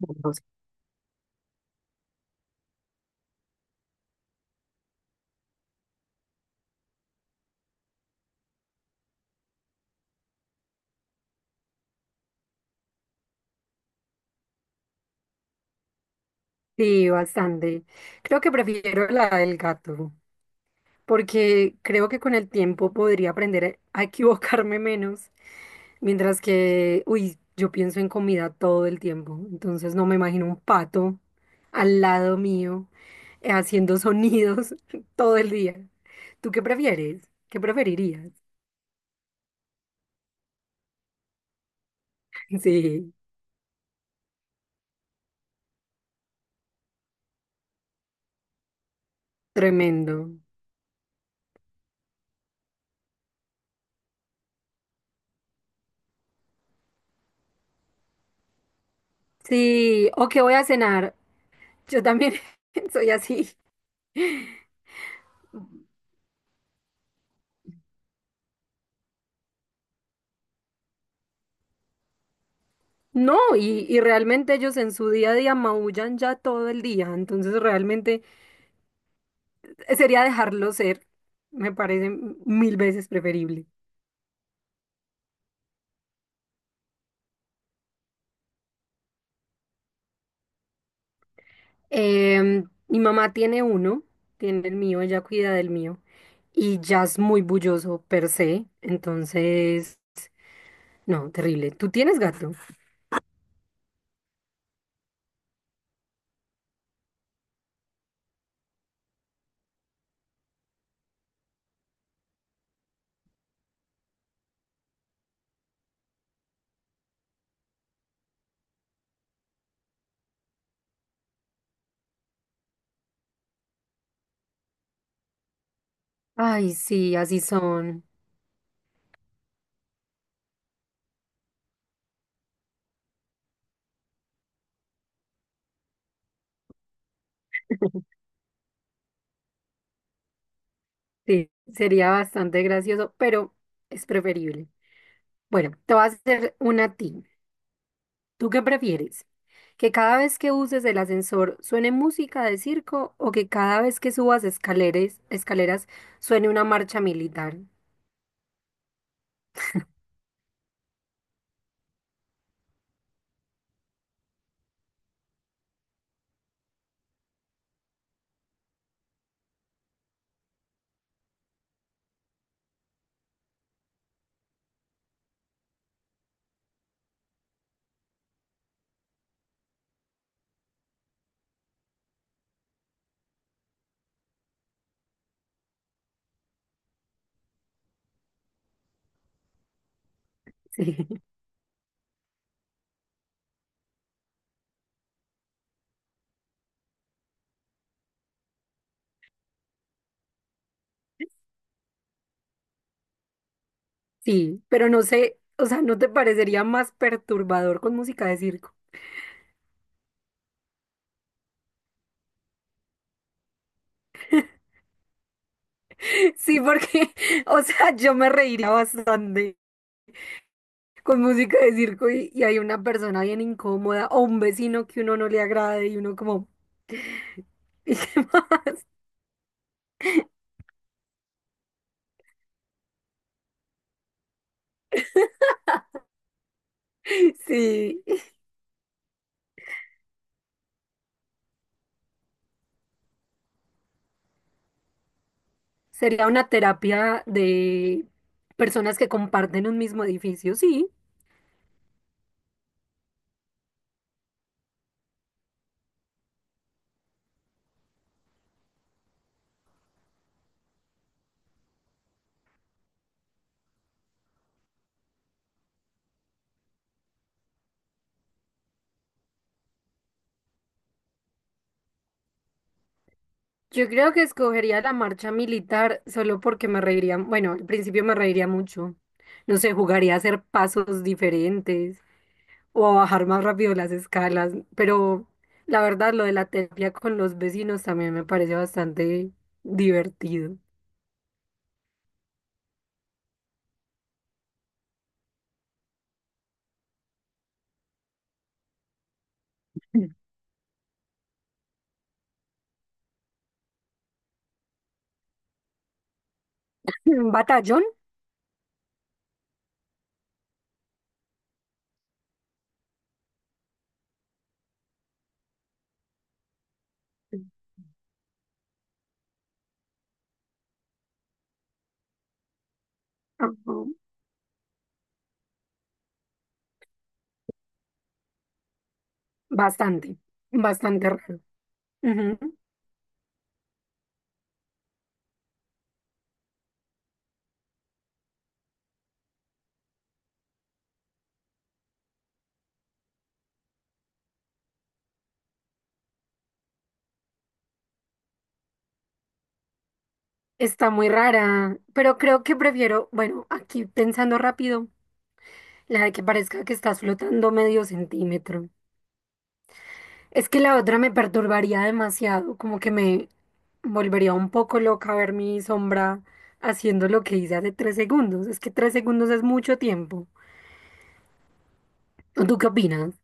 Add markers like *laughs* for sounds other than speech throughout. No sé. Sí, bastante. Creo que prefiero la del gato, porque creo que con el tiempo podría aprender a equivocarme menos, mientras que, uy, yo pienso en comida todo el tiempo, entonces no me imagino un pato al lado mío haciendo sonidos *laughs* todo el día. ¿Tú qué prefieres? ¿Qué preferirías? Sí, tremendo. Sí, o qué voy a cenar. Yo también *laughs* soy así. No, y realmente ellos en su día a día maullan ya todo el día, entonces realmente sería dejarlo ser, me parece mil veces preferible. Mi mamá tiene uno, tiene el mío, ella cuida del mío, y ya es muy bulloso per se, entonces, no, terrible. ¿Tú tienes gato? Ay, sí, así son. Sí, sería bastante gracioso, pero es preferible. Bueno, te voy a hacer una a ti. ¿Tú qué prefieres? ¿Que cada vez que uses el ascensor suene música de circo o que cada vez que subas escaleras suene una marcha militar? Sí. *laughs* Sí, pero no sé, o sea, ¿no te parecería más perturbador con música de circo? *laughs* Sí, porque, *laughs* o sea, yo me reiría bastante con música de circo y hay una persona bien incómoda o un vecino que uno no le agrade y uno como... *laughs* Sí, sería una terapia de personas que comparten un mismo edificio, sí. Yo creo que escogería la marcha militar solo porque me reiría, bueno, al principio me reiría mucho. No sé, jugaría a hacer pasos diferentes o a bajar más rápido las escalas, pero la verdad lo de la terapia con los vecinos también me parece bastante divertido. *laughs* ¿Un batallón? Ujú. Bastante, bastante raro. Ujú. Está muy rara, pero creo que prefiero, bueno, aquí pensando rápido, la de que parezca que estás flotando medio centímetro. Es que la otra me perturbaría demasiado, como que me volvería un poco loca ver mi sombra haciendo lo que hice hace 3 segundos. Es que tres segundos es mucho tiempo. ¿Tú qué opinas?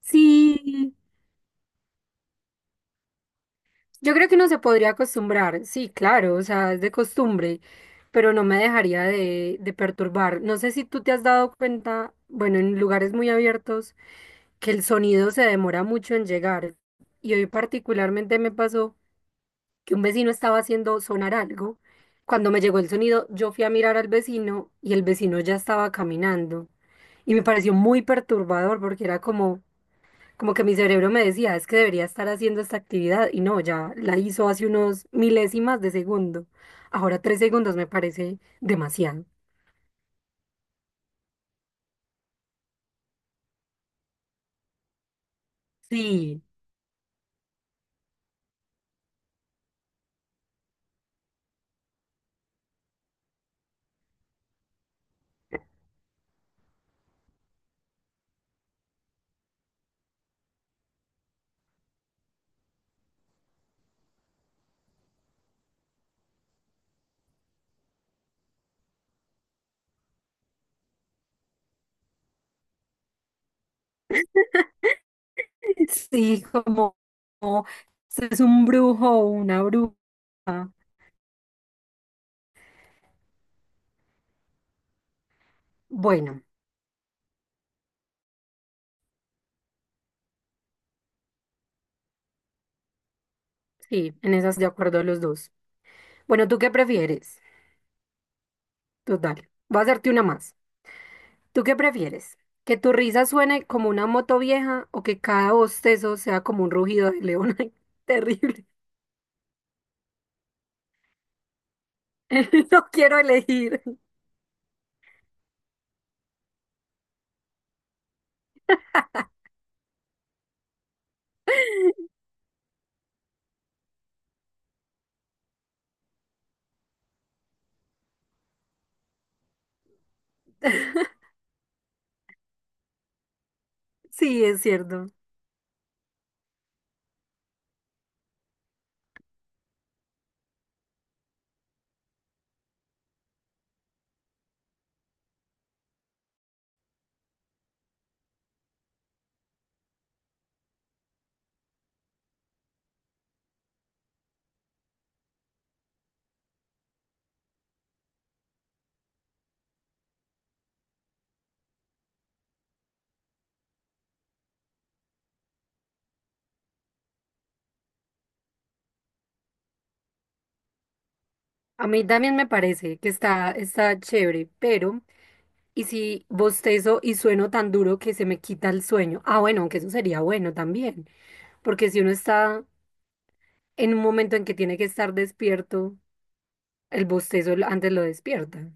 Sí, yo creo que uno se podría acostumbrar, sí, claro, o sea, es de costumbre, pero no me dejaría de perturbar. No sé si tú te has dado cuenta, bueno, en lugares muy abiertos que el sonido se demora mucho en llegar. Y hoy particularmente me pasó que un vecino estaba haciendo sonar algo. Cuando me llegó el sonido, yo fui a mirar al vecino y el vecino ya estaba caminando. Y me pareció muy perturbador porque era como, que mi cerebro me decía, es que debería estar haciendo esta actividad y no, ya la hizo hace unos milésimas de segundo. Ahora 3 segundos me parece demasiado. Sí. *laughs* Sí, como es un brujo o una bruja. Bueno, sí, en esas de acuerdo los dos. Bueno, ¿tú qué prefieres? Total, voy a hacerte una más. ¿Tú qué prefieres? ¿Que tu risa suene como una moto vieja o que cada bostezo sea como un rugido de león? *laughs* Ay, terrible. *laughs* No quiero elegir. *laughs* Sí, es cierto. A mí también me parece que está chévere, pero ¿y si bostezo y sueno tan duro que se me quita el sueño? Ah, bueno, aunque eso sería bueno también, porque si uno está en un momento en que tiene que estar despierto, el bostezo antes lo despierta.